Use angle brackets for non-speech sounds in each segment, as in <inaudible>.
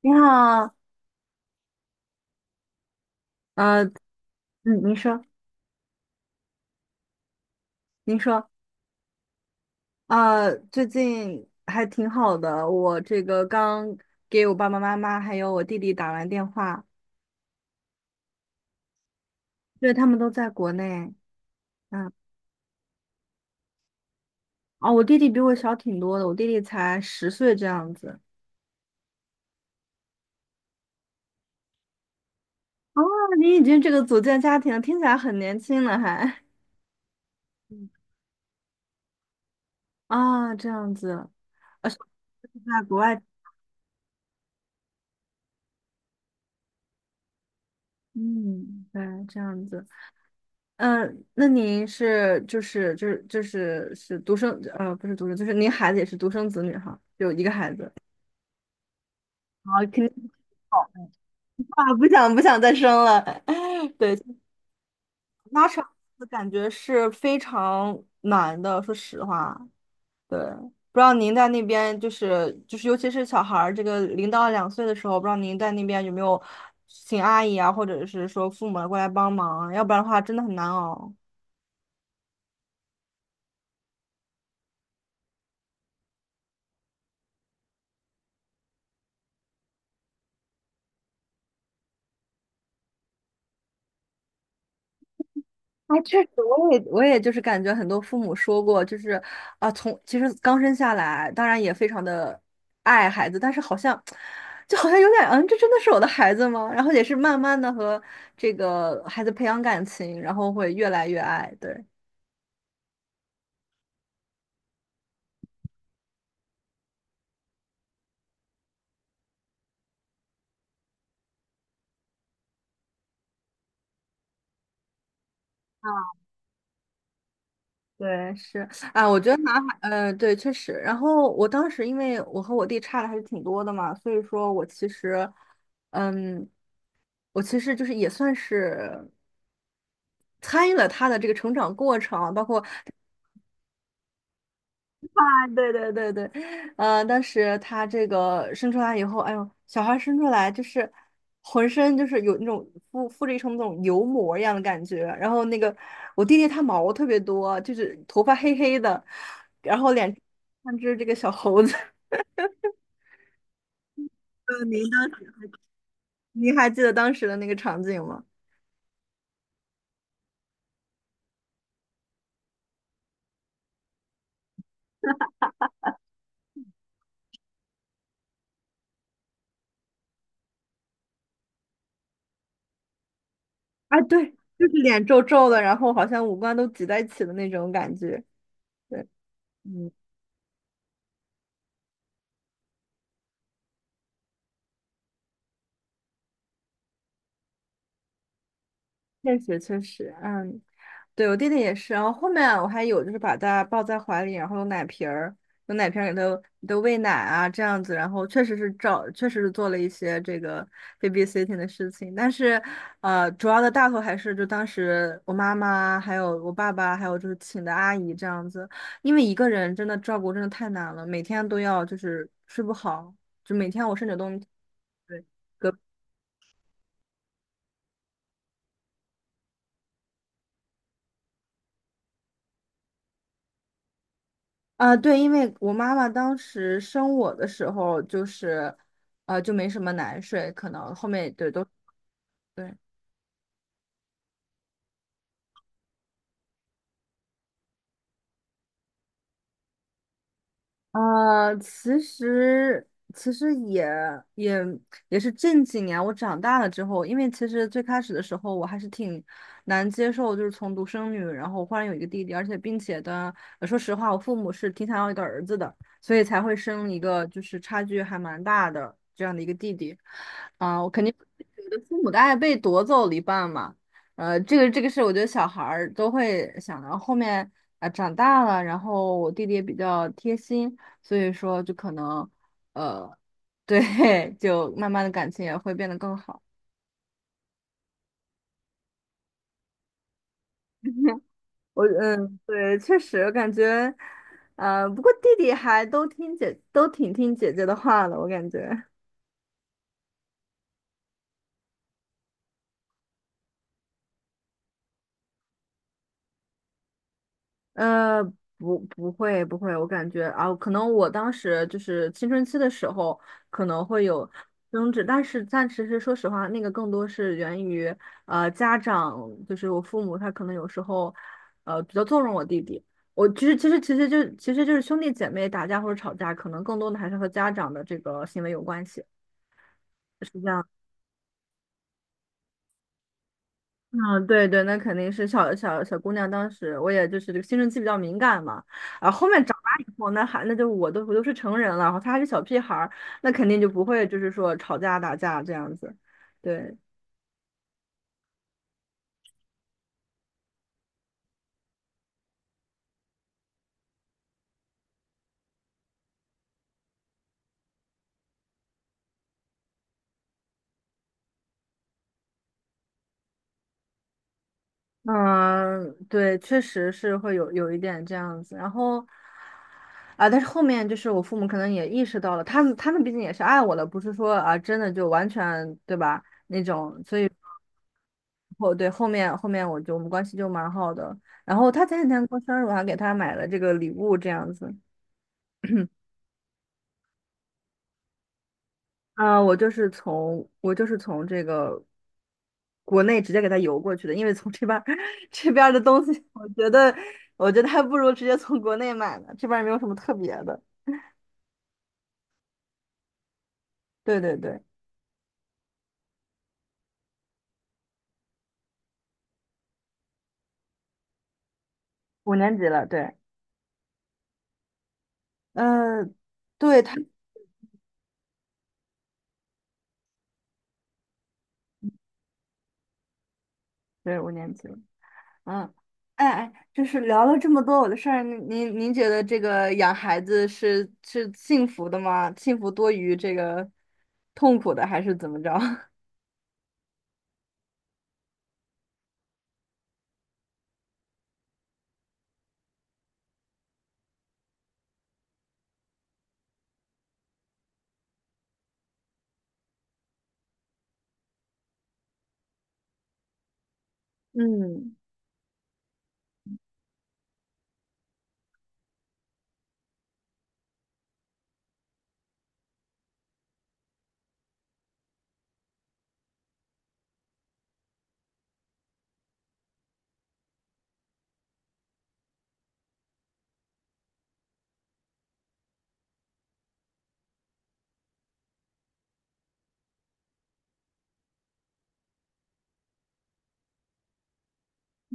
你好。呃，嗯，您说，您说，啊，最近还挺好的。我这个刚给我爸爸妈妈还有我弟弟打完电话，因为他们都在国内。嗯。哦，我弟弟比我小挺多的，我弟弟才十岁这样子。哦，你已经这个组建家庭了听起来很年轻了还。啊，这样子，啊，是在国外。嗯，对，这样子。嗯，那您是就是是独生,不是独生，就是您孩子也是独生子女哈，有一个孩子。啊，肯定好啊，不想再生了。<laughs> 对，家长的感觉是非常难的，说实话。对，不知道您在那边就是，尤其是小孩儿这个零到两岁的时候，不知道您在那边有没有请阿姨啊，或者是说父母过来帮忙啊，要不然的话真的很难熬。啊，确实。我也就是感觉很多父母说过，就是啊，从其实刚生下来，当然也非常的爱孩子，但是好像就好像有点，嗯，这真的是我的孩子吗？然后也是慢慢的和这个孩子培养感情，然后会越来越爱，对。对，是啊，我觉得男孩，对，确实。然后我当时因为我和我弟差的还是挺多的嘛，所以说我其实，嗯，我其实就是也算是参与了他的这个成长过程，包括 <laughs> 对对对对，当时他这个生出来以后，哎呦，小孩生出来就是浑身就是有那种附着一层那种油膜一样的感觉，然后那个我弟弟他毛特别多，就是头发黑黑的，然后脸像只这个小猴子。<laughs> 您当时您还记得当时的那个场景吗？啊，对，就是脸皱皱的，然后好像五官都挤在一起的那种感觉。对，嗯。确实确实，嗯，对我弟弟也是，然后后面我还有就是把他抱在怀里，然后用奶瓶儿，用奶瓶儿给他给他喂奶啊，这样子，然后确实是做了一些这个 babysitting 的事情，但是主要的大头还是就当时我妈妈，还有我爸爸，还有就是请的阿姨这样子，因为一个人真的照顾真的太难了，每天都要就是睡不好，就每天我甚至都。对。隔。啊，对，因为我妈妈当时生我的时候，就是，就没什么奶水，可能后面对都对。啊，其实其实也也也是近几年我长大了之后，因为其实最开始的时候我还是挺难接受，就是从独生女，然后忽然有一个弟弟，而且并且的，呃说实话，我父母是挺想要一个儿子的，所以才会生一个就是差距还蛮大的这样的一个弟弟。啊，我肯定会觉得父母的爱被夺走了一半嘛。这个是我觉得小孩儿都会想到后面啊、长大了，然后我弟弟也比较贴心。所以说就可能，呃，对，<laughs> 就慢慢的感情也会变得更好。我嗯，对，确实感觉，不过弟弟还都听姐，都挺听姐姐的话的，我感觉。呃，不，不会，不会，我感觉啊，可能我当时就是青春期的时候，可能会有争执，但其实说实话，那个更多是源于呃家长，就是我父母，他可能有时候呃比较纵容我弟弟。我其实就是兄弟姐妹打架或者吵架，可能更多的还是和家长的这个行为有关系，是这样。嗯，对对，那肯定是小姑娘。当时我也就是这个青春期比较敏感嘛，啊，后面长大以后，那还那就我都是成人了，然后他还是小屁孩儿，那肯定就不会就是说吵架打架这样子。对，嗯，对，确实是会有一点这样子。然后啊，但是后面就是我父母可能也意识到了，他们毕竟也是爱我的，不是说啊真的就完全对吧？对，后面我就我们关系就蛮好的，然后他前几天过生日，我还给他买了这个礼物这样子。啊、我就是从这个国内直接给他邮过去的，因为从这边儿 <laughs> 这边儿的东西，我觉得还不如直接从国内买呢，这边儿也没有什么特别的。对对对，五年级了，对，呃，对他，对五年级了。嗯。哎哎，就是聊了这么多我的事儿，您觉得这个养孩子是是幸福的吗？幸福多于这个痛苦的，还是怎么着？<laughs> 嗯，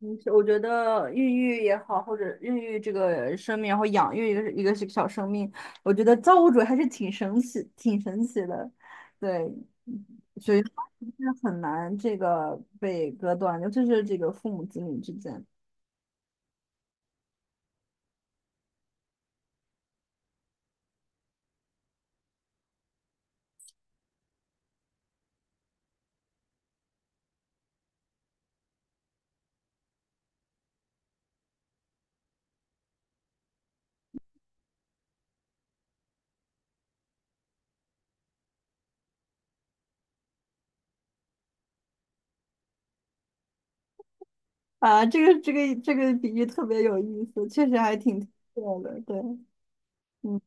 嗯我觉得孕育也好，或者孕育这个生命，然后养育一个小生命，我觉得造物主还是挺神奇的。对，所以它是很难这个被割断，尤其是这个父母子女之间。啊，这个比喻特别有意思，确实还挺特的，对，嗯。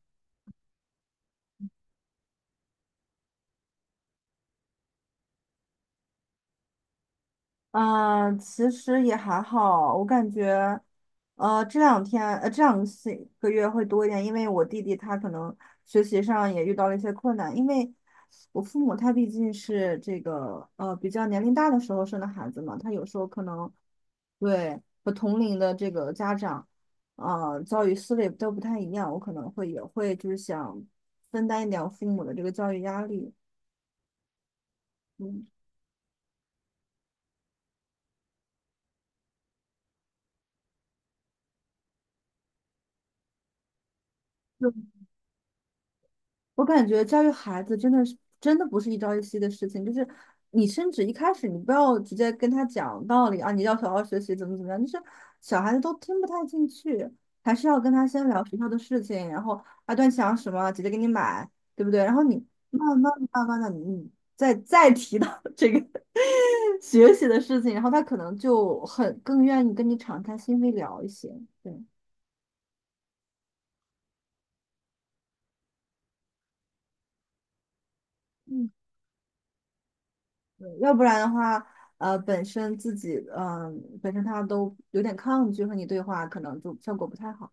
嗯，其实也还好，我感觉，这两天，这两个星个月会多一点，因为我弟弟他可能学习上也遇到了一些困难，因为我父母他毕竟是这个呃比较年龄大的时候生的孩子嘛，他有时候可能对和同龄的这个家长，教育思维都不太一样，我可能会也会就是想分担一点我父母的这个教育压力，嗯。我感觉教育孩子真的不是一朝一夕的事情，就是你甚至一开始你不要直接跟他讲道理啊，你要好好学习怎么怎么样，就是小孩子都听不太进去，还是要跟他先聊学校的事情，然后啊，段想什么，姐姐给你买，对不对？然后你慢慢的，你再提到 <laughs> 这个学习的事情，然后他可能就很更愿意跟你敞开心扉聊一些，对。嗯。对，要不然的话，本身自己，嗯、本身他都有点抗拒和你对话，可能就效果不太好。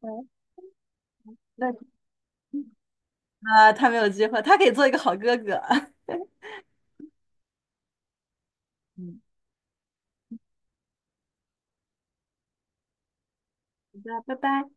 对，那他没有机会，他可以做一个好哥哥。<laughs> 嗯。好的，拜拜。